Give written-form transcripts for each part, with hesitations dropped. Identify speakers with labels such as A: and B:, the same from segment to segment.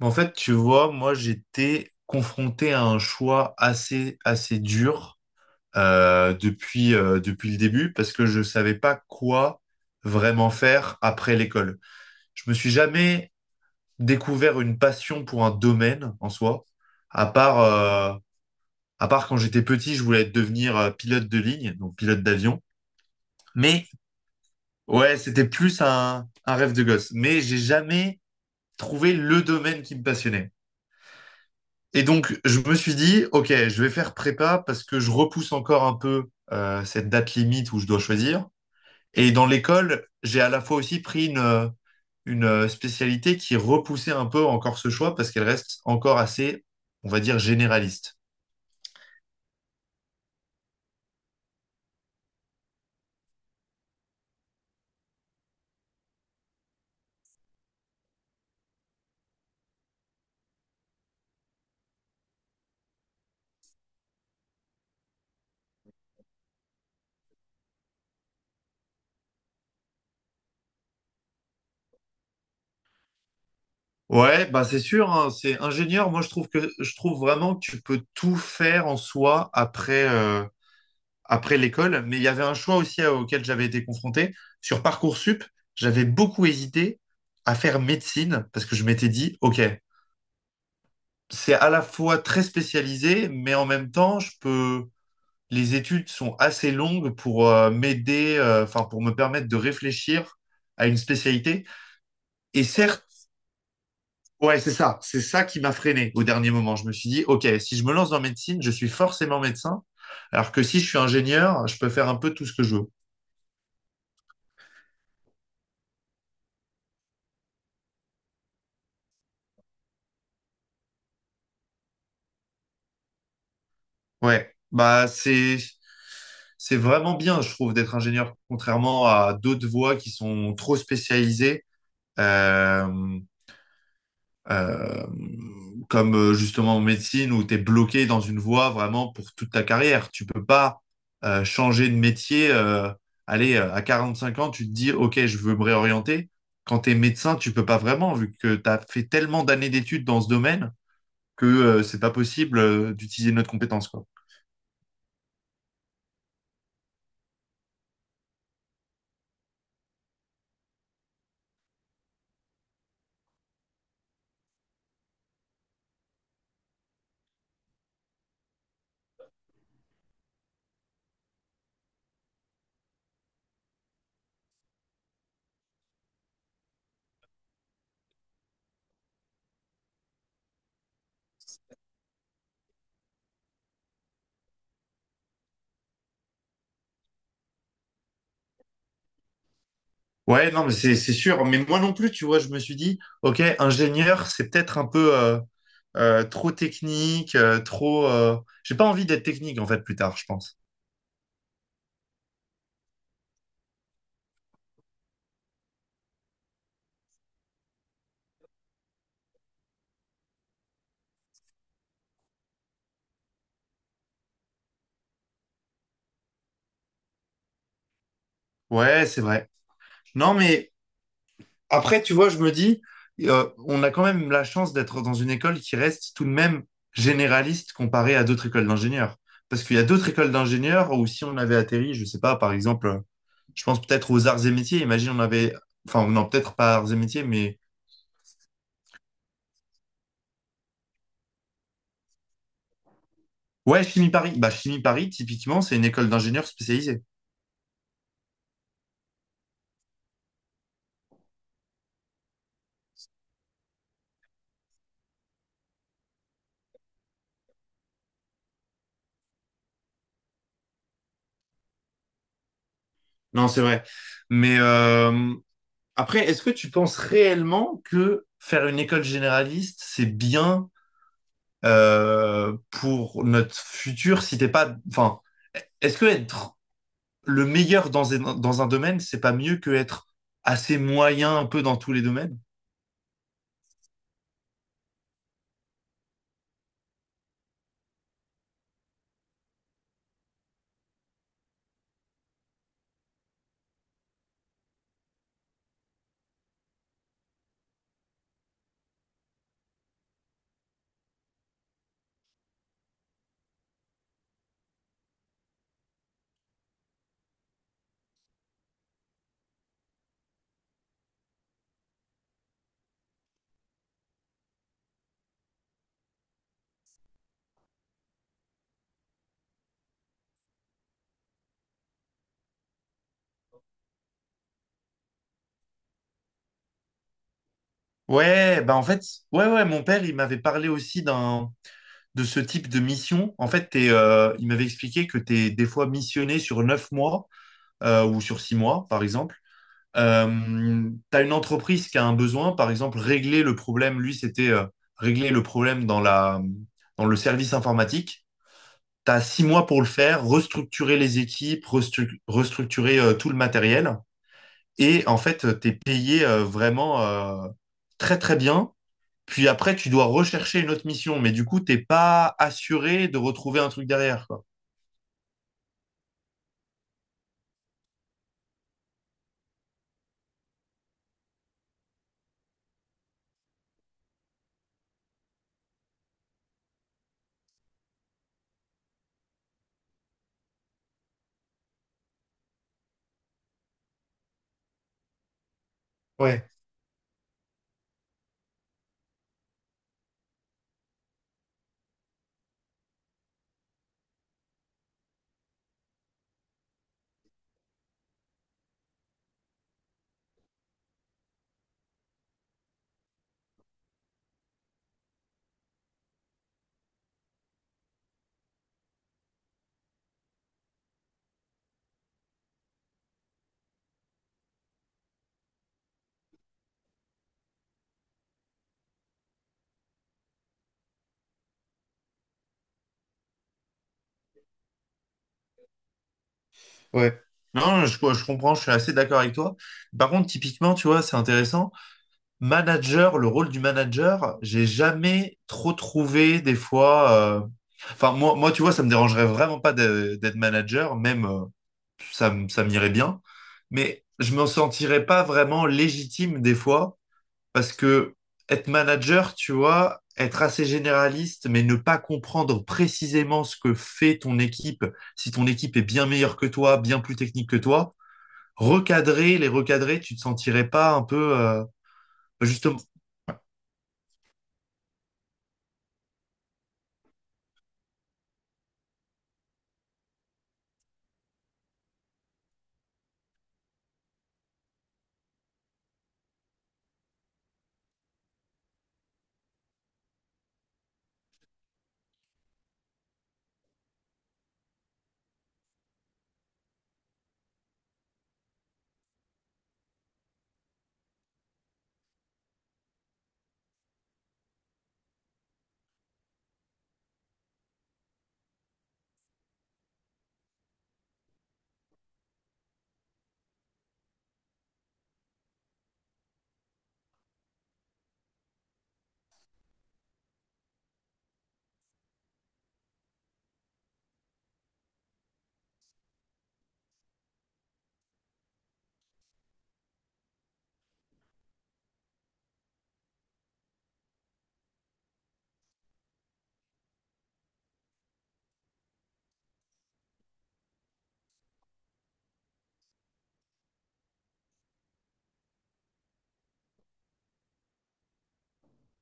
A: En fait, tu vois, moi, j'étais confronté à un choix assez, assez dur depuis, depuis le début parce que je savais pas quoi vraiment faire après l'école. Je me suis jamais découvert une passion pour un domaine en soi, à part, euh, à part quand j'étais petit, je voulais devenir pilote de ligne, donc pilote d'avion. Mais ouais, c'était plus un rêve de gosse. Mais j'ai jamais trouvé le domaine qui me passionnait. Et donc, je me suis dit, OK, je vais faire prépa parce que je repousse encore un peu cette date limite où je dois choisir. Et dans l'école, j'ai à la fois aussi pris une spécialité qui repoussait un peu encore ce choix parce qu'elle reste encore assez, on va dire, généraliste. Ouais, bah c'est sûr, hein, c'est ingénieur. Moi, je trouve vraiment que tu peux tout faire en soi après, après l'école, mais il y avait un choix aussi auquel j'avais été confronté. Sur Parcoursup, j'avais beaucoup hésité à faire médecine parce que je m'étais dit, OK, c'est à la fois très spécialisé, mais en même temps, les études sont assez longues pour m'aider, enfin, pour me permettre de réfléchir à une spécialité. Et certes, ouais, c'est ça qui m'a freiné au dernier moment. Je me suis dit, OK, si je me lance dans médecine, je suis forcément médecin, alors que si je suis ingénieur, je peux faire un peu tout ce que je veux. Ouais, bah c'est vraiment bien, je trouve, d'être ingénieur, contrairement à d'autres voies qui sont trop spécialisées, euh, euh, comme justement en médecine où tu es bloqué dans une voie vraiment pour toute ta carrière. Tu peux pas changer de métier. À 5 ans, tu te dis, OK, je veux me réorienter. Quand tu es médecin, tu peux pas vraiment, vu que tu as fait tellement d'années d'études dans ce domaine que c'est pas possible d'utiliser notre compétence, quoi. Ouais, non, mais c'est sûr. Mais moi non plus, tu vois, je me suis dit, ok, ingénieur, c'est peut-être un peu trop technique, trop. J'ai pas envie d'être technique en fait plus tard, je pense. Ouais, c'est vrai. Non, mais après, tu vois, je me dis, on a quand même la chance d'être dans une école qui reste tout de même généraliste comparée à d'autres écoles d'ingénieurs. Parce qu'il y a d'autres écoles d'ingénieurs où si on avait atterri, je sais pas, par exemple, je pense peut-être aux arts et métiers. Imagine, non, peut-être pas arts et métiers, mais ouais, Chimie Paris. Bah, Chimie Paris, typiquement, c'est une école d'ingénieurs spécialisée. Non, c'est vrai. Mais après, est-ce que tu penses réellement que faire une école généraliste, c'est bien pour notre futur si t'es pas... Enfin, est-ce que être le meilleur dans un domaine, c'est pas mieux que être assez moyen un peu dans tous les domaines? Ouais, bah en fait, ouais, mon père, il m'avait parlé aussi d'un... de ce type de mission, en fait, il m'avait expliqué que tu es des fois missionné sur 9 mois ou sur 6 mois, par exemple. Tu as une entreprise qui a un besoin, par exemple, régler le problème. Lui, c'était régler le problème dans le service informatique. Tu as 6 mois pour le faire, restructurer les équipes, restructurer tout le matériel. Et en fait, tu es payé vraiment très, très bien. Puis après, tu dois rechercher une autre mission, mais du coup, t'es pas assuré de retrouver un truc derrière, quoi. Ouais, ouais. Non, je comprends, je suis assez d'accord avec toi. Par contre, typiquement, tu vois, c'est intéressant. Manager, le rôle du manager, j'ai jamais trop trouvé des fois. Enfin, moi, tu vois, ça me dérangerait vraiment pas d'être manager, même ça, ça m'irait bien. Mais je me sentirais pas vraiment légitime des fois. Parce que être manager, tu vois, être assez généraliste, mais ne pas comprendre précisément ce que fait ton équipe, si ton équipe est bien meilleure que toi, bien plus technique que toi, les recadrer, tu te sentirais pas un peu bah, justement.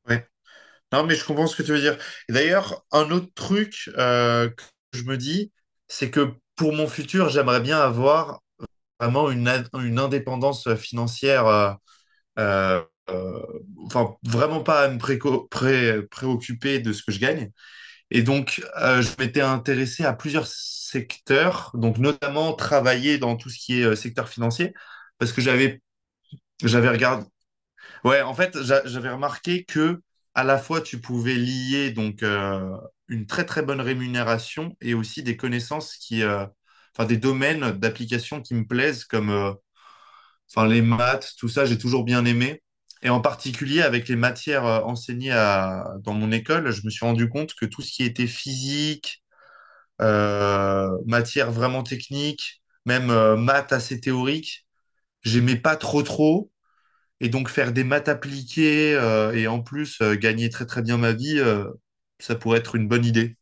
A: Ouais. Non, mais je comprends ce que tu veux dire. Et d'ailleurs, un autre truc que je me dis, c'est que pour mon futur, j'aimerais bien avoir vraiment une indépendance financière euh, euh, enfin vraiment pas à me préoccuper de ce que je gagne. Et donc, je m'étais intéressé à plusieurs secteurs, donc notamment travailler dans tout ce qui est secteur financier, parce que j'avais regardé. Ouais, en fait, j'avais remarqué que à la fois tu pouvais lier donc une très très bonne rémunération et aussi des connaissances qui, enfin des domaines d'application qui me plaisent comme enfin les maths, tout ça, j'ai toujours bien aimé. Et en particulier avec les matières enseignées dans mon école, je me suis rendu compte que tout ce qui était physique, matière vraiment technique, même maths assez théoriques, j'aimais pas trop trop. Et donc faire des maths appliquées et en plus gagner très très bien ma vie, ça pourrait être une bonne idée.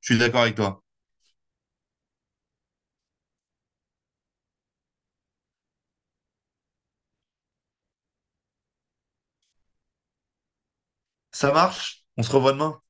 A: Je suis d'accord avec toi. Ça marche? On se revoit demain.